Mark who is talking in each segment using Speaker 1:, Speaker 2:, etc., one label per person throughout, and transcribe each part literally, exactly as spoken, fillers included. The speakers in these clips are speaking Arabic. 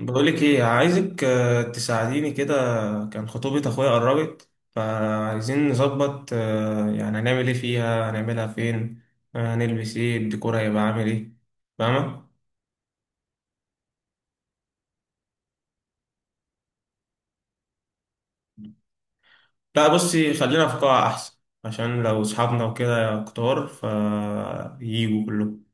Speaker 1: بقولك ايه عايزك، آه، تساعديني كده. كان خطوبة اخويا قربت، فعايزين نظبط آه، يعني هنعمل ايه فيها، هنعملها فين. آه، هنلبس ايه، الديكور هيبقى عامل ايه. فاهمة؟ لا بصي، خلينا في قاعة احسن. عشان لو اصحابنا وكده كتار فييجوا كلهم.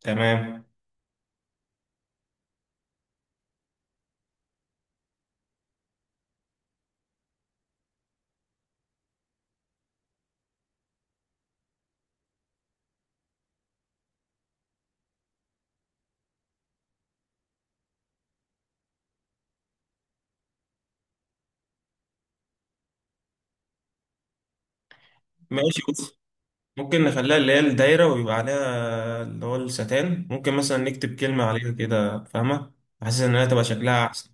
Speaker 1: تمام. ماشي بص، ممكن نخليها اللي هي الدايرة ويبقى عليها اللي هو الستان، ممكن مثلا نكتب كلمة عليها كده، فاهمة؟ حاسس إنها تبقى شكلها أحسن.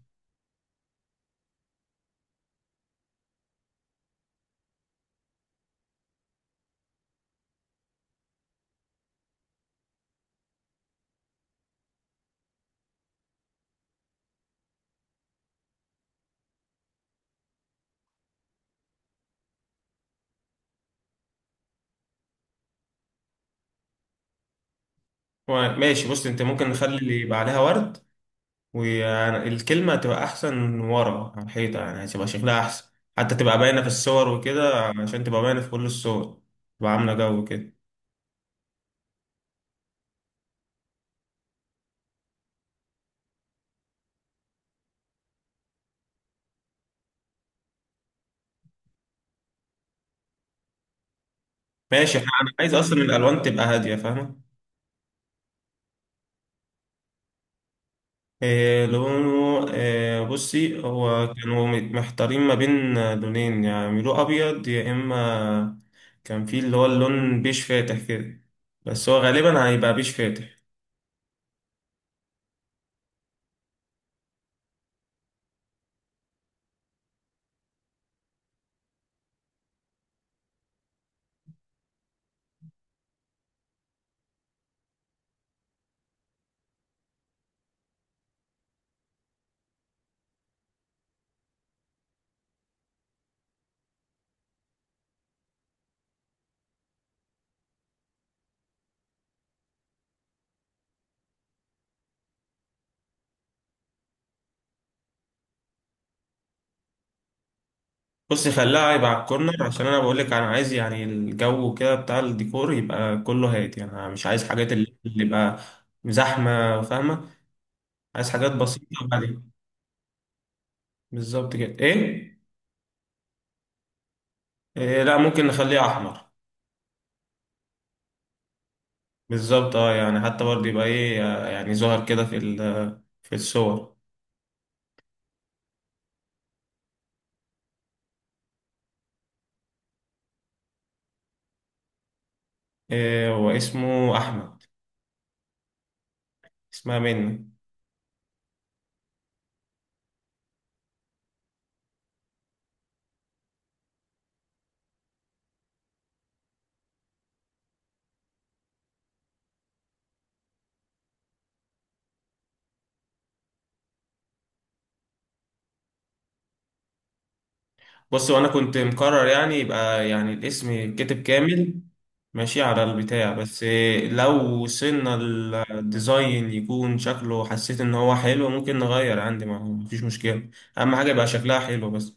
Speaker 1: هو ماشي بص انت، ممكن نخلي اللي يبقى عليها ورد، والكلمة تبقى أحسن ورا على الحيطة، يعني هتبقى شكلها أحسن. حتى تبقى باينة في الصور وكده، عشان تبقى باينة في كل الصور. تبقى عاملة جو كده. ماشي، احنا- أنا عايز أصلا الألوان تبقى هادية، فاهمة؟ إيه لونه، إيه بصي، هو كانوا محتارين ما بين لونين، يعني يعملوه أبيض يا إما كان في اللي هو اللون بيش فاتح كده. بس هو غالبا هيبقى بيش فاتح. بص خليها يبقى على الكورنر، عشان انا بقول لك انا عايز يعني الجو كده بتاع الديكور يبقى كله هادي، يعني انا مش عايز حاجات اللي اللي يبقى زحمه، فاهمه؟ عايز حاجات بسيطه وهاديه. بالظبط كده ايه. إيه لا، ممكن نخليه احمر. بالظبط اه، يعني حتى برضه يبقى ايه آه، يعني ظهر كده في ال- في الصور. إيه، واسمه احمد. اسمها منى. بص، وانا كنت مقرر يعني يبقى يعني الاسم كتب كامل، ماشي على البتاع بس. لو وصلنا الديزاين يكون شكله حسيت ان هو حلو، ممكن نغير عندي ما ما فيش مشكلة. اهم حاجة يبقى شكلها حلو بس.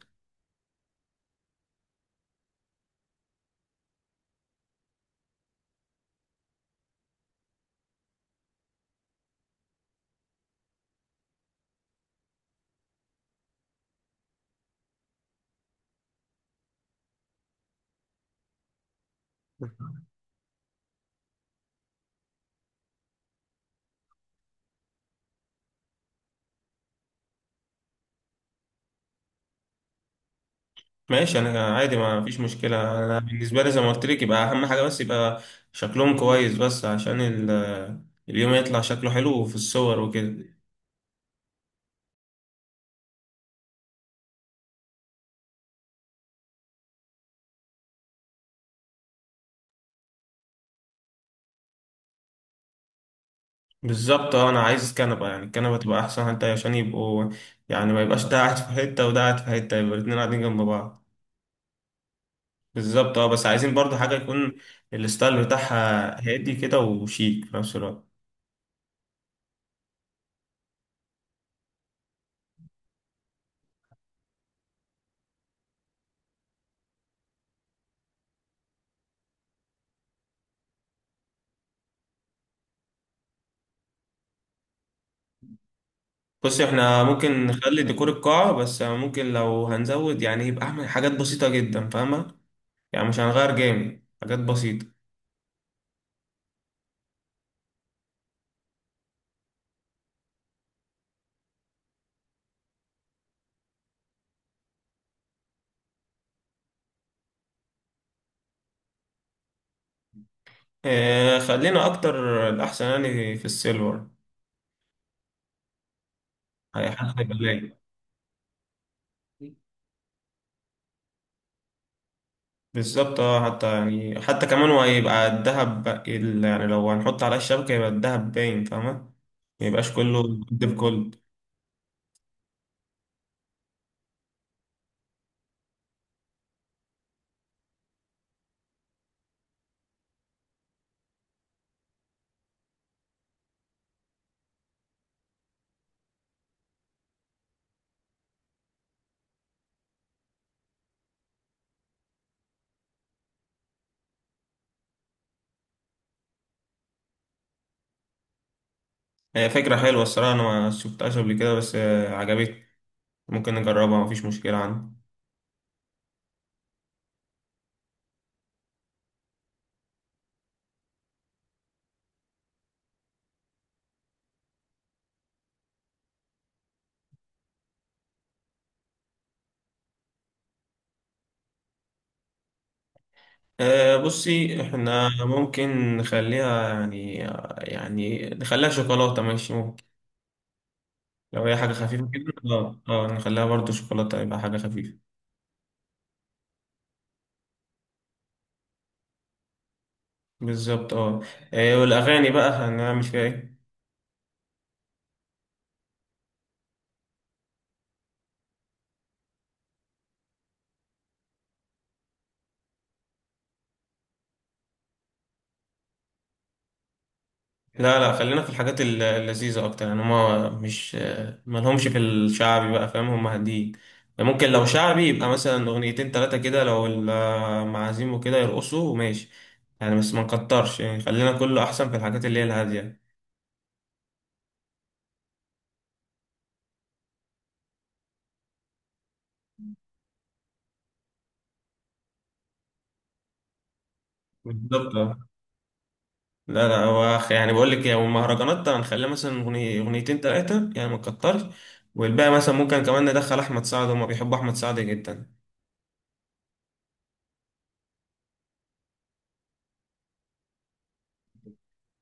Speaker 1: ماشي انا عادي ما فيش مشكلة، انا بالنسبة لي زي ما قلت لك يبقى اهم حاجة بس يبقى شكلهم كويس، بس عشان ال- اليوم يطلع شكله حلو في الصور وكده. بالظبط اه، انا عايز كنبه، يعني الكنبه تبقى احسن حتى عشان يبقوا يعني ما يبقاش ده قاعد في حته وده قاعد في حته، يبقى الاتنين قاعدين جنب بعض. بالظبط اه، بس عايزين برضو حاجه يكون الستايل بتاعها هادي كده وشيك في نفس الوقت. بص، احنا ممكن نخلي ديكور القاعه بس، ممكن لو هنزود يعني يبقى اعمل حاجات بسيطه جدا، فاهمه؟ يعني مش هنغير جامد، حاجات بسيطه. اه خلينا اكتر الاحسن يعني في السيلفر. هيبقى لايق. بالظبط اه، حتى يعني حتى كمان هو هيبقى الدهب بق- ال- يعني لو هنحط على الشبكة يبقى الدهب باين، فاهمة؟ ميبقاش كله دب كله. هي فكرة حلوة الصراحة، أنا ما شفتهاش قبل كده، بس آه، عجبتني. ممكن نجربها، مفيش مشكلة عندي. آه، بصي احنا ممكن نخليها يعني، يعني نخليها شوكولاتة، ماشي ممكن. لو هي حاجة خفيفة كده اه اه نخليها برضو شوكولاتة يبقى حاجة خفيفة. بالظبط اه. آه، والأغاني بقى هنعمل فيها ايه؟ لا لا، خلينا في الحاجات الل- اللذيذة أكتر، يعني هما مش ملهمش في الشعبي بقى، فاهم؟ هما هاديين. ممكن لو شعبي يبقى مثلا أغنيتين تلاتة كده لو المعازيم وكده يرقصوا ماشي، يعني بس ما نكترش، يعني خلينا كله أحسن في الحاجات اللي هي الهادية. بالظبط آه. لا لا، هو أخ- يعني بقول لك، يعني المهرجانات هنخليها مثلا أغني- أغنيتين تلاتة، يعني ما نكترش. والباقي مثلا ممكن كمان ندخل أحمد سعد، هما بيحبوا أحمد سعد جدا.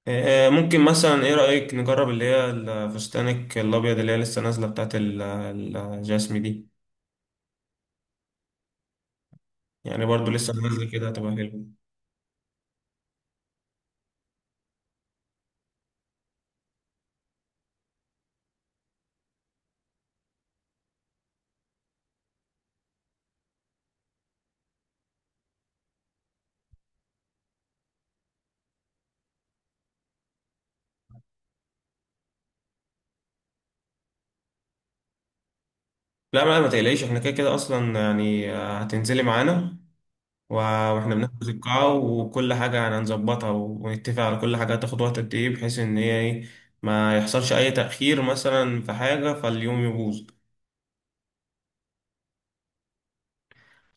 Speaker 1: آه، ممكن مثلا ايه رأيك نجرب اللي هي الفستانك الابيض اللي هي لسه نازله بتاعت ال- الجاسمي دي. يعني برضو لسه نازله كده هتبقى حلوه. لا ما ما تقلقيش، احنا كده كده اصلا يعني آه، هتنزلي معانا و- واحنا بنحجز القاعه وكل حاجه، يعني هنظبطها ونتفق على كل حاجه هتاخد وقت قد ايه، بحيث ان هي ايه ما يحصلش اي تأخير مثلا في حاجه فاليوم يبوظ.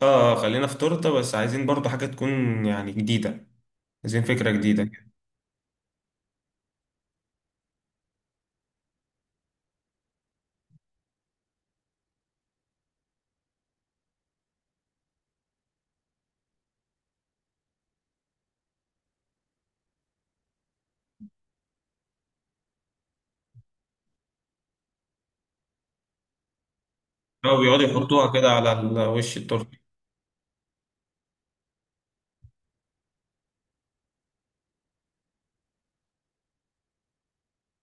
Speaker 1: اه آه، خلينا في تورته، بس عايزين برضو حاجه تكون يعني جديده، عايزين فكره جديده. او بيقعدوا يحطوها كده على ال- وش التورته.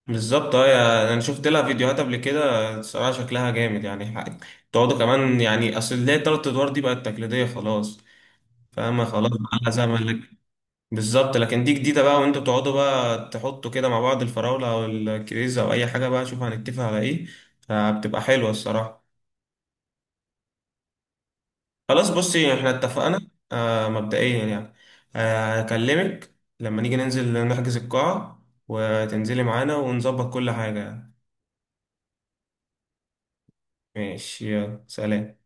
Speaker 1: بالظبط اه يا- انا شفت لها فيديوهات قبل كده، الصراحه شكلها جامد يعني حق- تقعدوا كمان، يعني اصل اللي هي التلات ادوار دي بقت تقليديه خلاص، فاهمه؟ خلاص بقى لها زمن لك. بالظبط، لكن دي جديده بقى وانتوا بتقعدوا بقى تحطوا كده مع بعض الفراوله او الكريزه او اي حاجه بقى، شوف هنتفق على ايه. فبتبقى حلوه الصراحه. خلاص بصي احنا اتفقنا آه مبدئيا يعني. آه، هكلمك لما نيجي ننزل نحجز القاعه وتنزلي معانا ونظبط كل حاجه. ماشي يلا سلام.